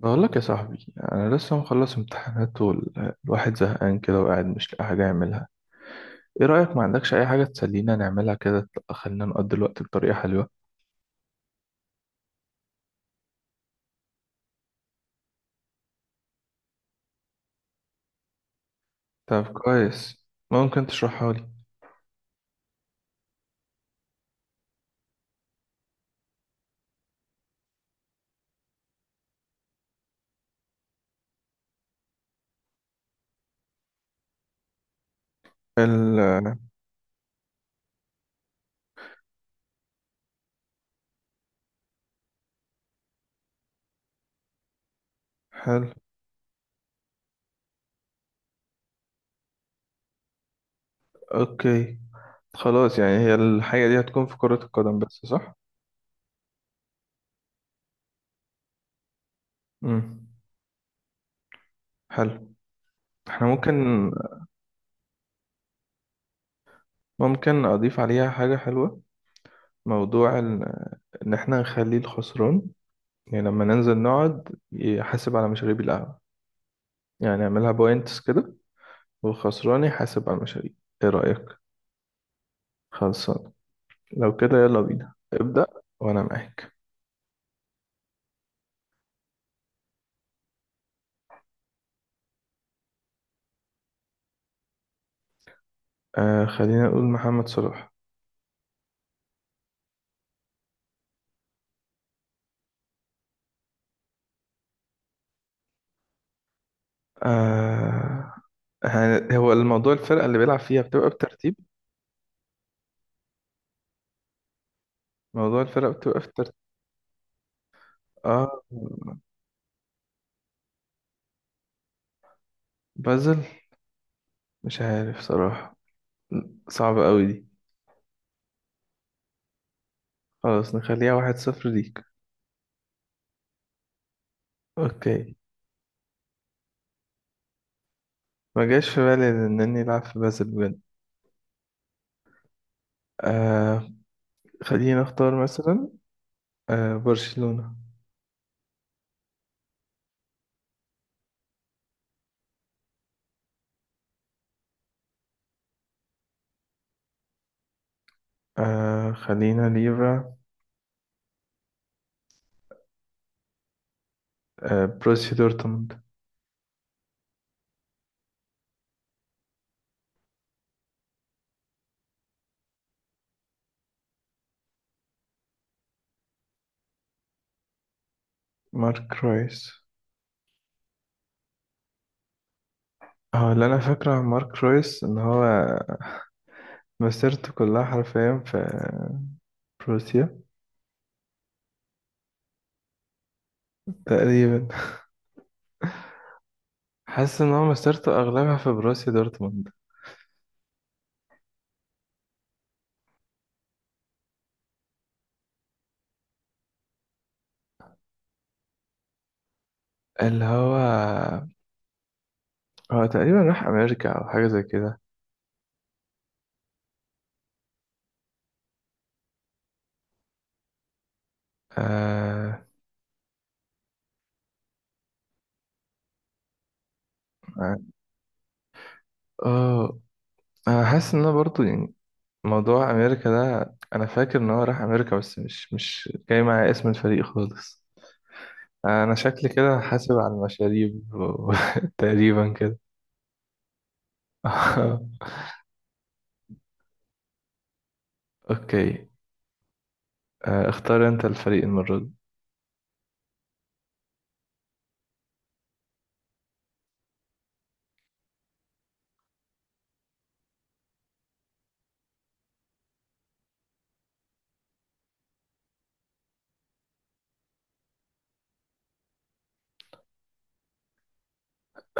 بقول لك يا صاحبي، انا لسه مخلص امتحانات والواحد زهقان كده وقاعد مش لاقي حاجه يعملها. ايه رايك، ما عندكش اي حاجه تسلينا نعملها كده؟ خلينا نقضي الوقت بطريقه حلوه. طب كويس، ممكن تشرحها لي. ال حلو. اوكي، خلاص، يعني هي الحاجه دي هتكون في كره القدم بس، صح؟ امم، حلو. احنا ممكن اضيف عليها حاجه حلوه. موضوع ان احنا نخلي الخسران، يعني لما ننزل نقعد يحاسب على مشاريب القهوه، يعني اعملها بوينتس كده، والخسران يحاسب على المشاريع. ايه رأيك؟ خلصان. لو كده يلا بينا ابدأ. وانا معاك. آه، خلينا نقول محمد صلاح. آه. هو الموضوع، الفرقة اللي بيلعب فيها بتبقى بترتيب؟ موضوع الفرقة بتبقى في ترتيب؟ اه. بازل؟ مش عارف صراحة، صعبة قوي دي. خلاص نخليها واحد صفر ليك. اوكي. ما جاش في بالي انني العب في بازل بجد. آه، خلينا اختار مثلا، آه، برشلونة. آه، خلينا ليفا. آه، بروسيا دورتموند. مارك رويس. اه، اللي انا فاكره عن مارك رويس ان هو مسيرته كلها حرفيا في بروسيا تقريبا. حاسس ان هو مسيرته اغلبها في بروسيا دورتموند. اللي هو تقريبا راح امريكا او حاجه زي كده. اه، اه، انا حاسس ان انا برضو، يعني، موضوع امريكا ده انا فاكر ان هو راح امريكا، بس مش جاي معايا اسم الفريق خالص. انا شكلي كده حاسب على المشاريب تقريبا كده. اوكي. آه، اختار انت الفريق المرة دي.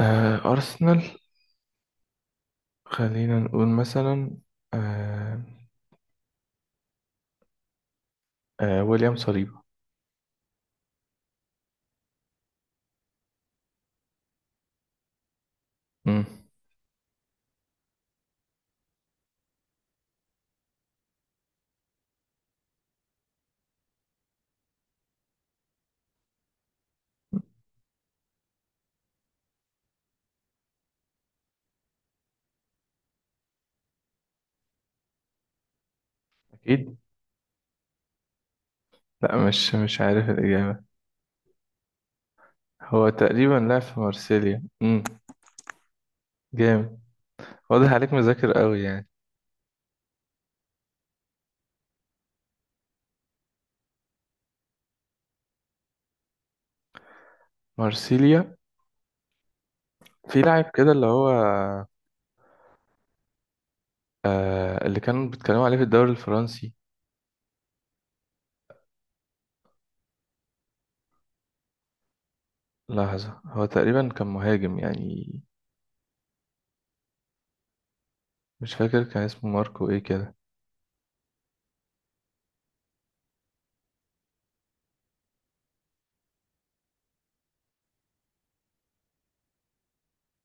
آه، ارسنال. خلينا نقول مثلا، آه، آه، ويليام صليبا. مم. اكيد. لا، مش عارف الاجابة. هو تقريبا لعب في مارسيليا. مم. جامد. واضح عليك مذاكر قوي، يعني. مارسيليا. في لاعب كده اللي هو، اللي كانوا بيتكلموا عليه في الدوري الفرنسي. لحظة، هو تقريبا كان مهاجم، يعني. مش فاكر كان اسمه ماركو ايه كده.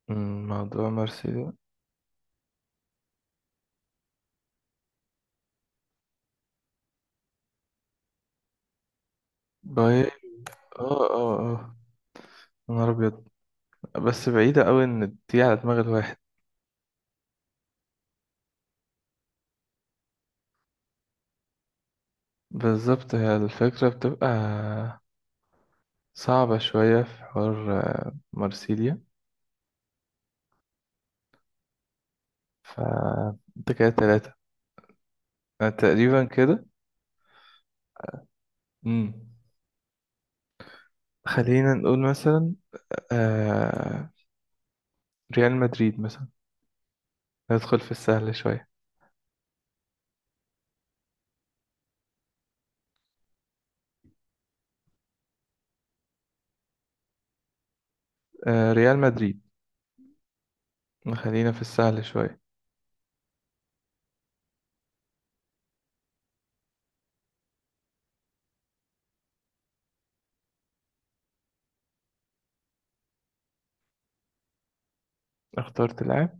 موضوع مرسيدس. باي، اه، اه، اه، يا نهار ابيض. بس بعيدة قوي ان دي على دماغ الواحد. بالظبط، هي الفكرة بتبقى صعبة شوية في حوار مرسيليا. ف انت كده تلاتة. أنا تقريبا كده. مم. خلينا نقول مثلا، آه... ريال مدريد مثلا، ندخل في السهل شوية. ريال مدريد، خلينا في السهل شوية. اخترت لاعب.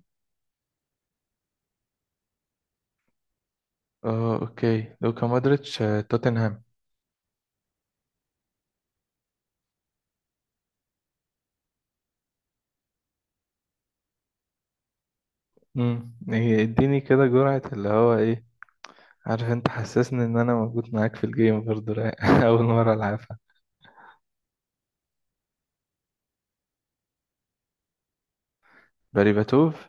اه، اوكي، لوكا مودريتش. آه، توتنهام. إيه، اديني كده جرعة اللي هو ايه. عارف انت، حسسني ان انا موجود معاك في الجيم برضه رايق. اول مرة العبها. باريباتوف؟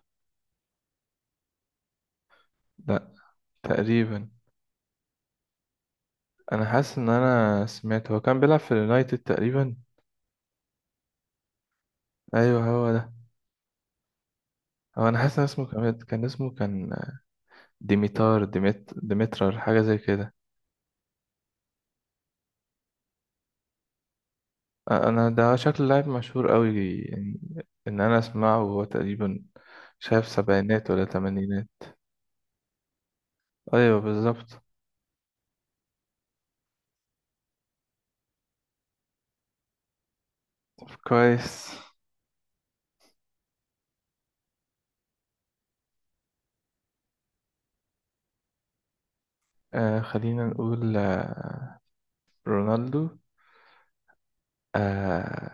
لا. تقريبا. انا حاسس ان انا سمعت هو كان بيلعب في اليونايتد تقريبا. ايوه، هو ده. هو انا حاسس ان اسمه كان ديميتار، ديميت، ديمترار، حاجة زي كده. آه، انا ده شكل لاعب مشهور قوي، يعني ان انا اسمعه، وهو تقريبا شايف سبعينات ولا تمانينات. ايوه بالظبط. كويس. آه، خلينا نقول، رونالدو. آه،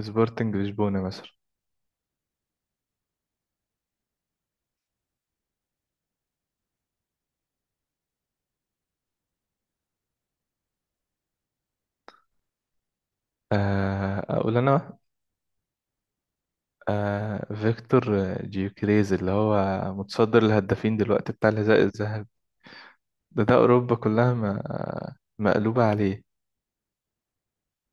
سبورتنج لشبونة مثلا. آه، أقول أنا. آه، فيكتور جيوكريز، اللي هو متصدر الهدافين دلوقتي بتاع الحذاء الذهبي. ده أوروبا كلها ما مقلوبة عليه.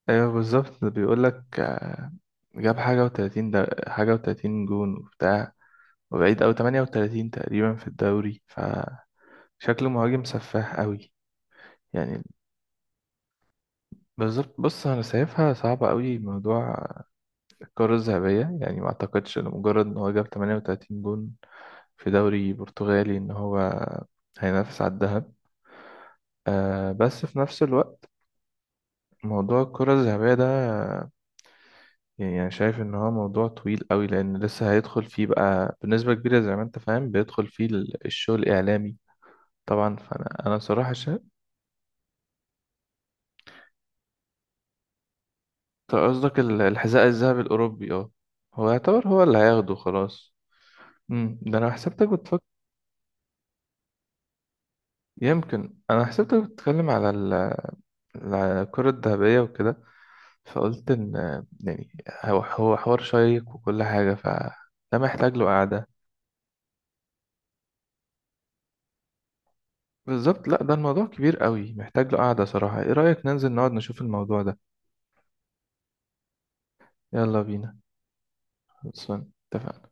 أيوه بالظبط، ده بيقولك، جاب حاجة وتلاتين، ده حاجة وتلاتين جون وبتاع، وبعيد أوي، تمانية وتلاتين تقريبا في الدوري، فشكله مهاجم سفاح أوي، يعني. بالظبط. بص انا شايفها صعبة قوي موضوع الكرة الذهبية، يعني ما اعتقدش ان مجرد ان هو جاب 38 جون في دوري برتغالي ان هو هينافس على الذهب. آه، بس في نفس الوقت موضوع الكرة الذهبية ده، يعني انا شايف ان هو موضوع طويل قوي، لان لسه هيدخل فيه بقى بنسبة كبيرة زي ما انت فاهم، بيدخل فيه الشغل الاعلامي. طبعا، فانا صراحة شايف. أنت قصدك الحذاء الذهبي الاوروبي، اه. هو يعتبر هو اللي هياخده خلاص. ده انا حسبتك. يمكن انا حسبتك بتتكلم على على الكرة الذهبية وكده، فقلت ان، يعني، هو حوار شيق وكل حاجة، فده محتاج له قعدة. بالظبط. لا، ده الموضوع كبير قوي، محتاج له قعدة صراحة. ايه رأيك ننزل نقعد نشوف الموضوع ده؟ يلا بينا. خلصان اتفقنا.